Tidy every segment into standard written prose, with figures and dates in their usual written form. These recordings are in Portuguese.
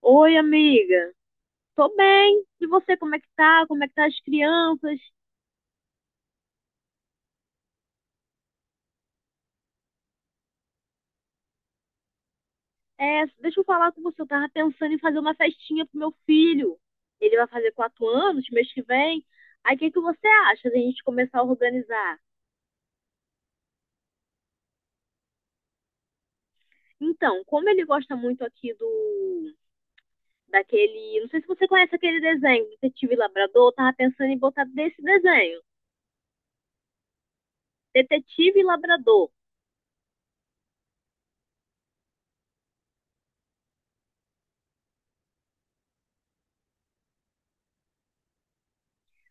Oi, amiga. Tô bem. E você, como é que tá? Como é que tá as crianças? É, deixa eu falar com você. Eu tava pensando em fazer uma festinha pro meu filho. Ele vai fazer 4 anos mês que vem. Aí, o que que você acha da gente começar a organizar? Então, como ele gosta muito aqui do daquele, não sei se você conhece aquele desenho, Detetive Labrador, eu tava pensando em botar desse desenho, Detetive Labrador.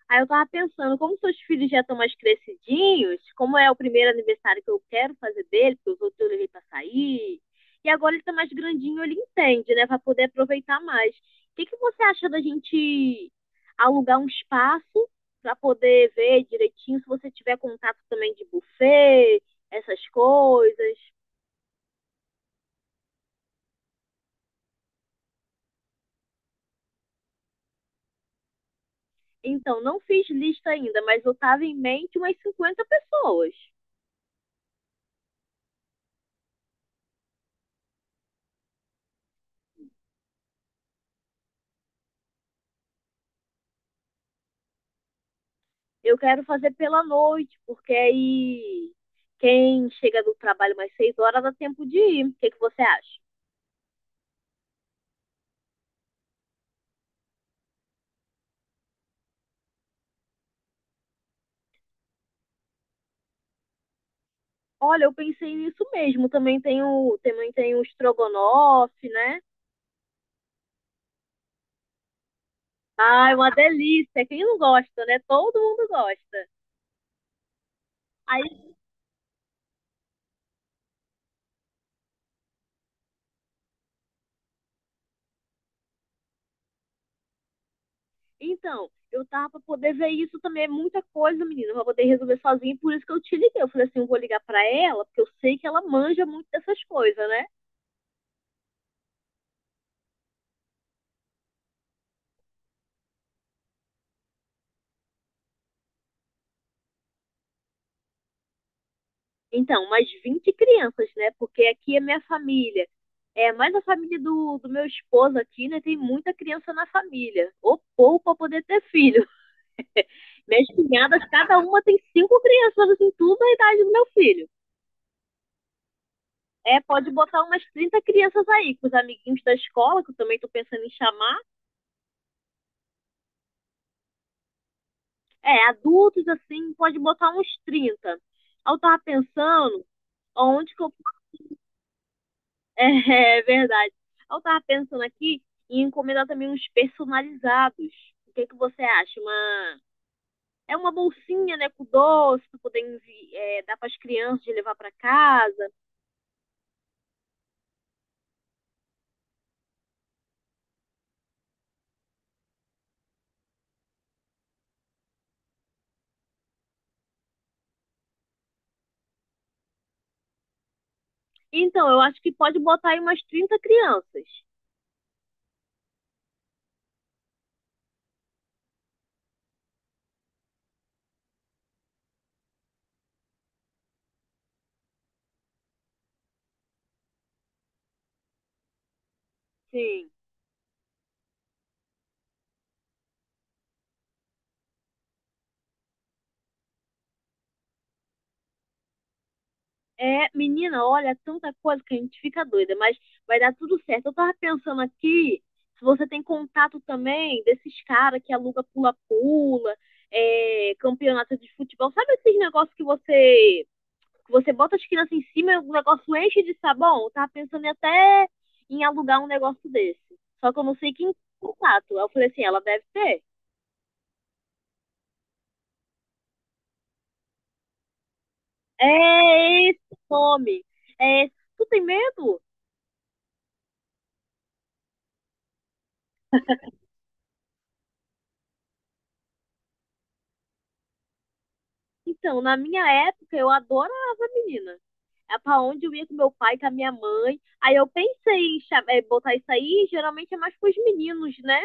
Aí eu tava pensando, como seus filhos já estão mais crescidinhos, como é o primeiro aniversário que eu quero fazer dele, porque os outros eu levei pra sair, e agora ele tá mais grandinho, ele entende, né, pra poder aproveitar mais. O que que você acha da gente alugar um espaço pra poder ver direitinho, se você tiver contato também de buffet, essas coisas? Então, não fiz lista ainda, mas eu tava em mente umas 50 pessoas. Eu quero fazer pela noite, porque aí quem chega do trabalho mais 6 horas dá tempo de ir. O que, que você acha? Olha, eu pensei nisso mesmo. Também tem o estrogonofe, né? Ai, uma delícia. Quem não gosta, né? Todo mundo gosta. Aí, então, eu tava pra poder ver isso também. É muita coisa, menina, pra poder resolver sozinha. Por isso que eu te liguei. Eu falei assim, eu vou ligar pra ela, porque eu sei que ela manja muito dessas coisas, né? Então, umas 20 crianças, né? Porque aqui é minha família. É, mais a família do meu esposo aqui, né? Tem muita criança na família. Ou pouco para poder ter filho. Minhas cunhadas, cada uma tem 5 crianças, assim, tudo a idade do meu filho. É, pode botar umas 30 crianças aí, com os amiguinhos da escola, que eu também tô pensando em chamar. É, adultos, assim, pode botar uns 30. Aí eu tava pensando onde que eu é, verdade. Eu tava pensando aqui em encomendar também uns personalizados. O que que você acha? Uma... é uma bolsinha, né, com doce, pra poder dar pras crianças de levar para casa. Então, eu acho que pode botar aí umas 30 crianças. Sim. É, menina, olha, tanta coisa que a gente fica doida, mas vai dar tudo certo. Eu tava pensando aqui, se você tem contato também desses caras que aluga pula-pula, campeonato de futebol, sabe esses negócios que você bota as crianças em cima e o negócio enche de sabão? Eu tava pensando em até em alugar um negócio desse. Só que eu não sei quem tem contato. Aí eu falei assim, ela deve ter. É esse nome. É, tu tem medo? Então, na minha época, eu adorava, menina. É pra onde eu ia com meu pai, com a minha mãe. Aí eu pensei em botar isso aí, geralmente é mais pros meninos, né?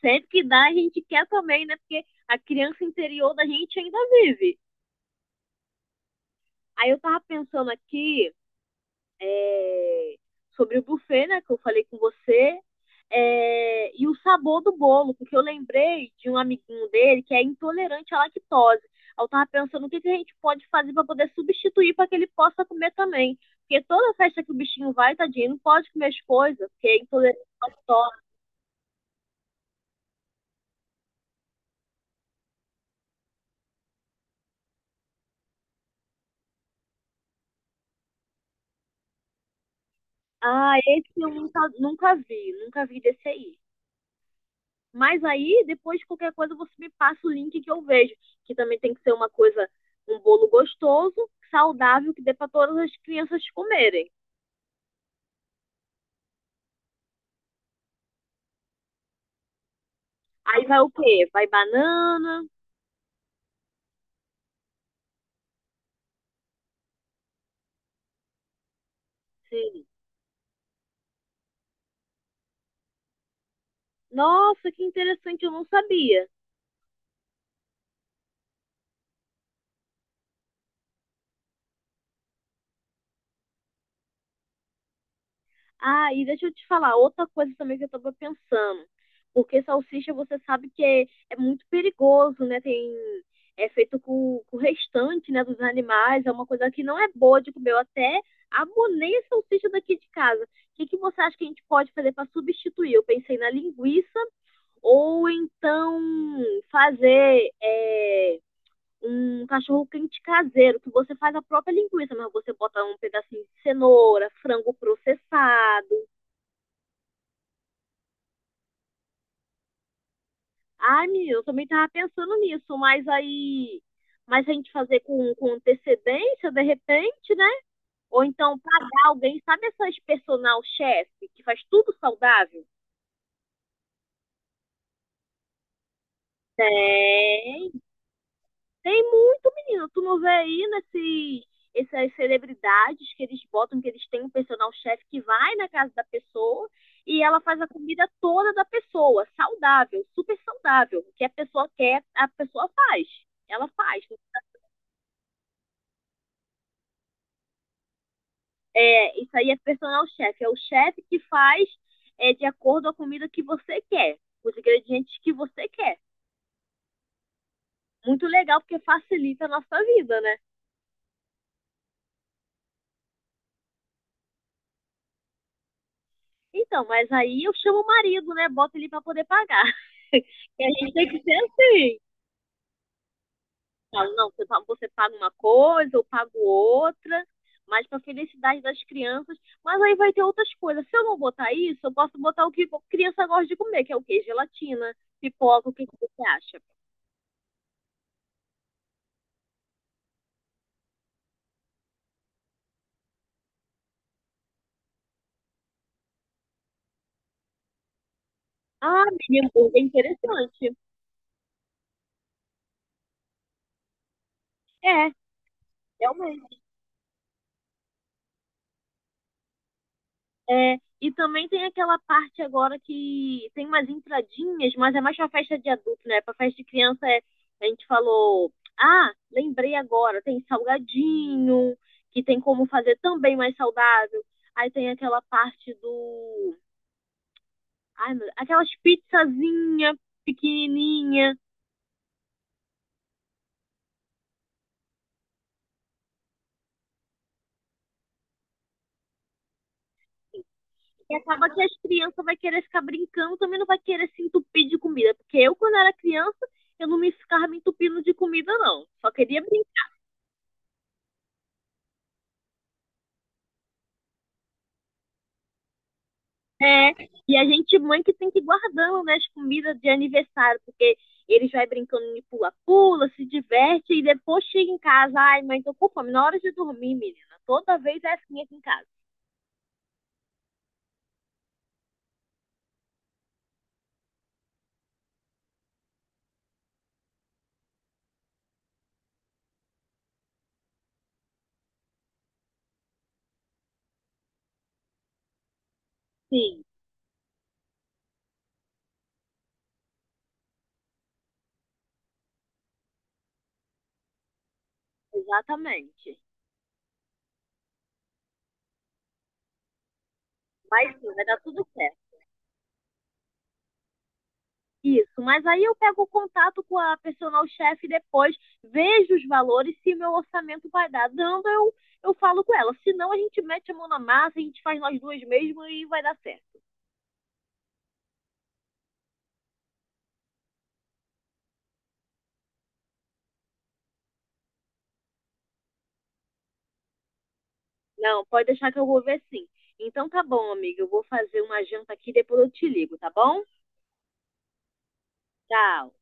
Sempre que dá, a gente quer também, né? Porque a criança interior da gente ainda vive. Aí eu tava pensando aqui é, sobre o buffet, né, que eu falei com você, e o sabor do bolo, porque eu lembrei de um amiguinho dele que é intolerante à lactose. Eu estava pensando o que, que a gente pode fazer para poder substituir para que ele possa comer também. Porque toda festa que o bichinho vai, tadinho, não pode comer as coisas, porque é intolerante à lactose. Ah, esse eu nunca vi desse aí. Mas aí, depois de qualquer coisa, você me passa o link que eu vejo. Que também tem que ser uma coisa, um bolo gostoso, saudável, que dê para todas as crianças comerem. Aí vai o quê? Vai banana. Sim. Nossa, que interessante, eu não sabia. Ah, e deixa eu te falar, outra coisa também que eu tava pensando. Porque salsicha você sabe que é, é muito perigoso, né? Tem, é feito com o restante, né, dos animais, é uma coisa que não é boa de comer. Eu até abonei a salsicha daqui de casa. O que que você acha que a gente pode fazer para substituir? Eu pensei na linguiça ou então fazer um cachorro quente caseiro, que você faz a própria linguiça, mas você bota um pedacinho de cenoura, frango processado. Ai, menino, eu também tava pensando nisso, mas aí. Mas a gente fazer com antecedência, de repente, né? Ou então pagar alguém, sabe essas personal chef que faz tudo saudável? Tem, tem muito, menino. Tu não vê aí nesses, essas celebridades que eles botam, que eles têm um personal chef que vai na casa da pessoa e ela faz a comida toda da pessoa, saudável, super saudável, o que a pessoa quer, a pessoa faz. Ela faz, é, isso aí é personal chef. É o chefe que faz de acordo com a comida que você quer, os ingredientes que você quer. Muito legal, porque facilita a nossa vida, né? Então, mas aí eu chamo o marido, né? Bota ele para poder pagar. Que a gente tem que ser assim. Falo, não, você paga uma coisa, eu pago outra, mas para felicidade das crianças. Mas aí vai ter outras coisas. Se eu não botar isso, eu posso botar o que a criança gosta de comer, que é o quê? Gelatina, pipoca, o que que você acha? Ah, mini hambúrguer é interessante. É, realmente. É, e também tem aquela parte agora que tem umas entradinhas, mas é mais pra festa de adulto, né? Pra festa de criança é, a gente falou, ah, lembrei agora, tem salgadinho, que tem como fazer também mais saudável. Aí tem aquela parte do, ai, meu, aquelas pizzazinha pequenininha. E acaba que as crianças vai querer ficar brincando, também não vai querer se entupir de comida. Porque eu, quando era criança, eu não me ficava me entupindo de comida, não. Só queria brincar. É, e a gente, mãe, que tem que ir guardando, né, as comidas de aniversário, porque eles vai brincando de pula-pula, se diverte, e depois chega em casa, ai, mãe, tô com fome. Na hora de dormir, menina, toda vez é assim aqui em casa. Sim, exatamente. Mas sim, vai dar tudo certo. Isso, mas aí eu pego o contato com a personal chefe depois, vejo os valores, se meu orçamento vai dar dando, eu falo com ela. Se não, a gente mete a mão na massa, a gente faz nós duas mesmo e vai dar certo. Não, pode deixar que eu vou ver sim. Então tá bom, amiga, eu vou fazer uma janta aqui, depois eu te ligo, tá bom? Tchau.